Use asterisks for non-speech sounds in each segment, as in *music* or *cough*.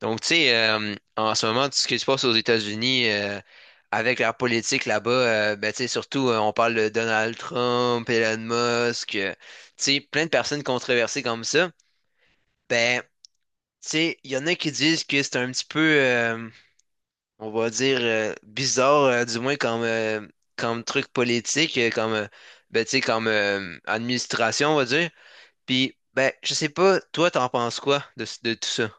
Donc, tu sais, en ce moment, ce qui se passe aux États-Unis, avec leur politique là-bas, ben, tu sais, surtout, on parle de Donald Trump, Elon Musk, tu sais, plein de personnes controversées comme ça. Ben, tu sais, il y en a qui disent que c'est un petit peu, on va dire, bizarre, du moins comme, comme truc politique, comme, ben, tu sais, comme administration, on va dire. Puis, ben, je sais pas, toi, t'en penses quoi de tout ça?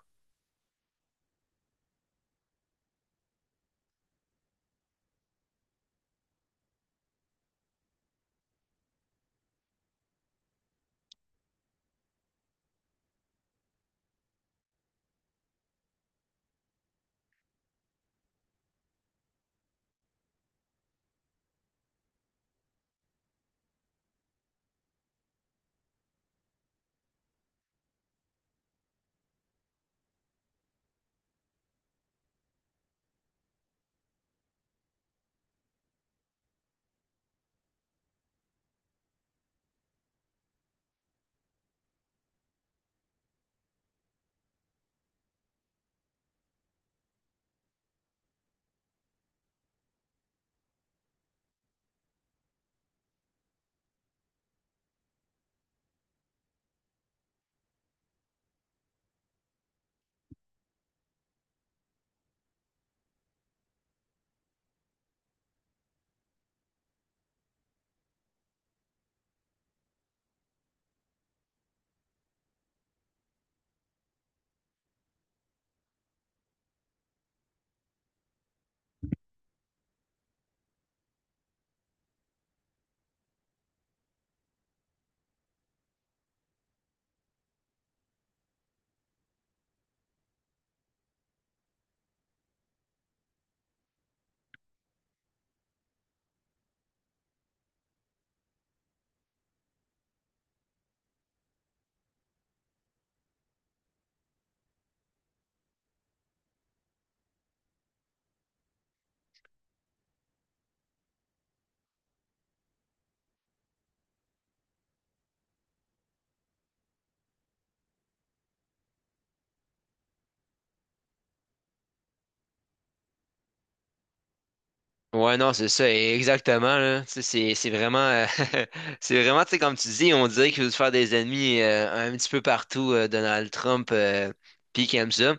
Ouais, non, c'est ça, exactement, là. Tu sais, c'est vraiment, *laughs* c'est vraiment, tu sais, comme tu dis, on dirait qu'il veut se faire des ennemis un petit peu partout, Donald Trump, puis qu'il aime ça,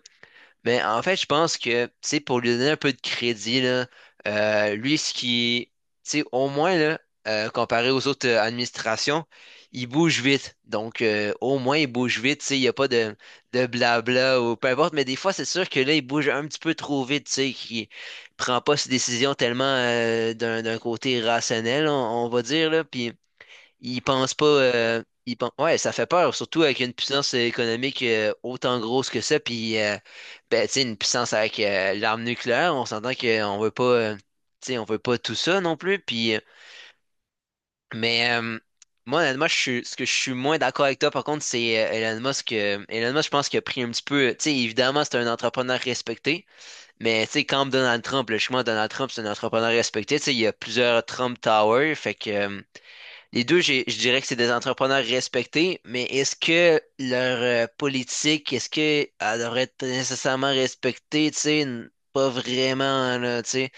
mais en fait, je pense que, tu sais, pour lui donner un peu de crédit, là, lui, ce qui, tu sais, au moins, là, comparé aux autres administrations, il bouge vite. Donc, au moins, il bouge vite, tu sais, il n'y a pas de blabla ou peu importe. Mais des fois, c'est sûr que là, il bouge un petit peu trop vite, tu sais, qu'il prend pas ses décisions tellement d'un côté rationnel, on va dire, là. Puis, ils pensent pas. Ouais, ça fait peur, surtout avec une puissance économique autant grosse que ça. Puis, ben, tu sais, une puissance avec l'arme nucléaire, on s'entend qu'on veut pas. Tu sais, on veut pas tout ça non plus. Puis, mais euh, moi, honnêtement, ce que je suis moins d'accord avec toi, par contre, c'est Elon Musk. Elon Musk, je pense qu'il a pris un petit peu. Tu sais, évidemment, c'est un entrepreneur respecté. Mais, tu sais, comme Donald Trump, logiquement, Donald Trump, c'est un entrepreneur respecté. Tu sais, il y a plusieurs Trump Tower. Fait que. Les deux, je dirais que c'est des entrepreneurs respectés, mais est-ce que leur politique, est-ce que elle devrait être nécessairement respectée, tu sais, pas vraiment, là, tu sais.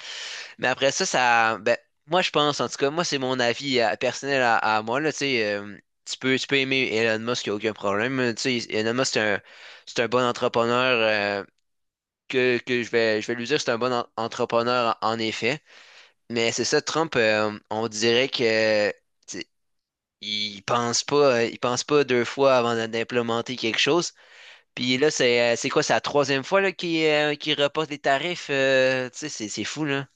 Mais après ça, ça, ben, moi, je pense, en tout cas, moi, c'est mon avis personnel à moi, là, tu sais, tu peux aimer Elon Musk, il n'y a aucun problème, tu sais, Elon Musk, c'est un bon entrepreneur, que je vais lui dire, c'est un bon entrepreneur, en en effet. Mais c'est ça, Trump, on dirait que... Ils pensent pas, ils pensent pas deux fois avant d'implémenter quelque chose. Puis là, c'est c'est la troisième fois là, qu'ils reportent les tarifs. Tu sais, c'est fou, là.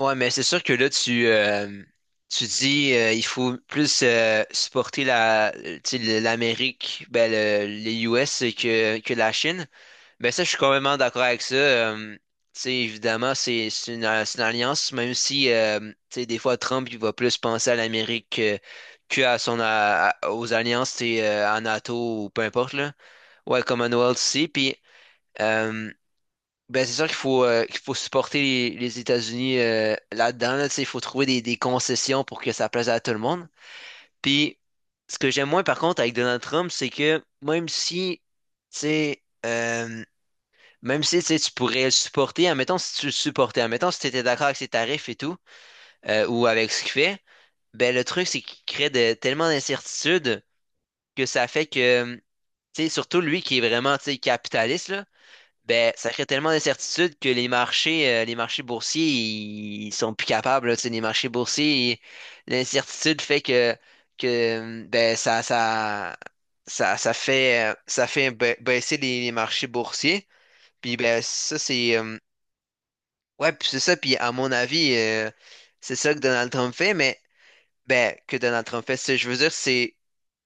Ouais, mais c'est sûr que là, tu dis il faut plus supporter la, tu sais, l'Amérique, ben, les US que la Chine. Ben ça, je suis complètement d'accord avec ça. Tu sais, évidemment, c'est une alliance, même si tu sais, des fois Trump il va plus penser à l'Amérique que à son aux alliances, tu sais, à NATO ou peu importe là. Ouais, Commonwealth aussi. Puis euh, ben c'est sûr qu'il faut supporter les États-Unis là-dedans. Là, tu sais, il faut trouver des concessions pour que ça plaise à tout le monde. Puis ce que j'aime moins par contre avec Donald Trump, c'est que même si tu sais même si tu sais, tu pourrais le supporter, admettons si tu le supportais, admettons si tu étais d'accord avec ses tarifs et tout, ou avec ce qu'il fait, ben le truc c'est qu'il crée tellement d'incertitudes que ça fait que, tu sais, surtout lui qui est vraiment, tu sais, capitaliste, là, ben ça crée tellement d'incertitudes que les marchés boursiers, ils sont plus capables, là, tu sais, les marchés boursiers, l'incertitude fait que, ben ça, ça fait baisser les marchés boursiers. Puis ben ça c'est Ouais, puis c'est ça, puis à mon avis, c'est ça que Donald Trump fait, mais ben, que Donald Trump fait, je veux dire, c'est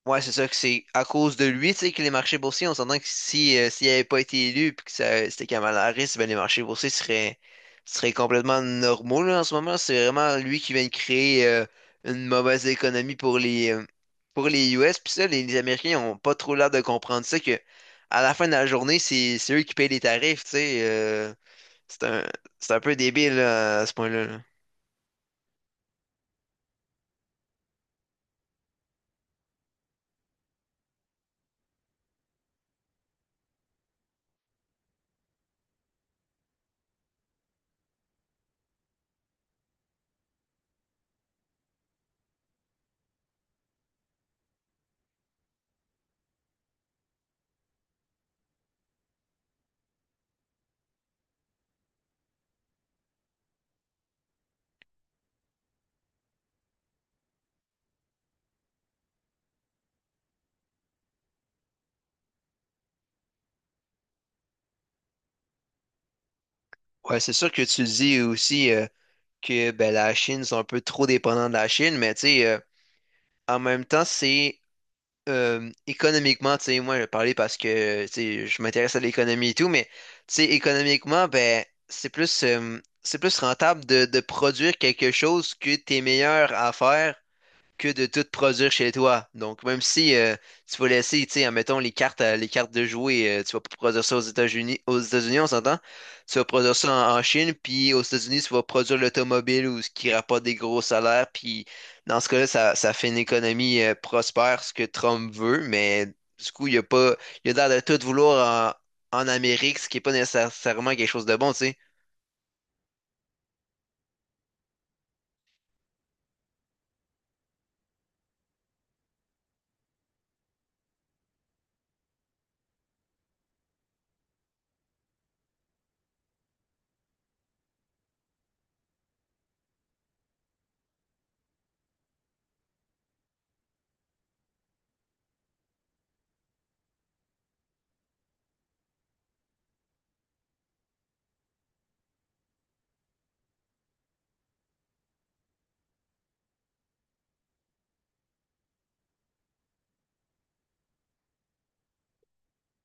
ouais, c'est ça que c'est à cause de lui, tu sais, que les marchés boursiers, on s'entend que si s'il n'avait pas été élu puis que ça, c'était Kamala Harris, ben les marchés boursiers seraient seraient complètement normaux là, en ce moment. C'est vraiment lui qui vient de créer une mauvaise économie pour les US, puis ça, les Américains ont pas trop l'air de comprendre ça que à la fin de la journée, c'est eux qui payent les tarifs, tu sais. C'est un, c'est un peu débile là, à ce point-là. Là. Ouais, c'est sûr que tu dis aussi que ben, la Chine sont un peu trop dépendants de la Chine, mais tu sais, en même temps, c'est économiquement, tu sais, moi je vais parler parce que tu sais, je m'intéresse à l'économie et tout, mais tu sais, économiquement, ben, c'est plus rentable de produire quelque chose que t'es meilleur à faire que de tout produire chez toi. Donc, même si tu vas laisser, tu sais, admettons, les cartes de jouer, tu vas pas produire ça aux États-Unis, on s'entend? Tu vas produire ça en Chine, puis aux États-Unis, tu vas produire l'automobile ou ce qui rapporte des gros salaires, puis dans ce cas-là, ça fait une économie prospère, ce que Trump veut, mais du coup, il y a pas, il a l'air de tout vouloir en Amérique, ce qui est pas nécessairement quelque chose de bon, tu sais.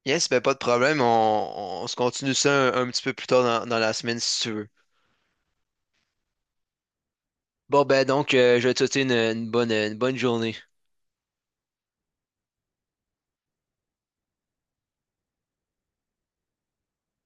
Yes, ben pas de problème, on se continue ça un petit peu plus tard dans dans la semaine si tu veux. Bon, ben donc, je vais te souhaiter une bonne journée.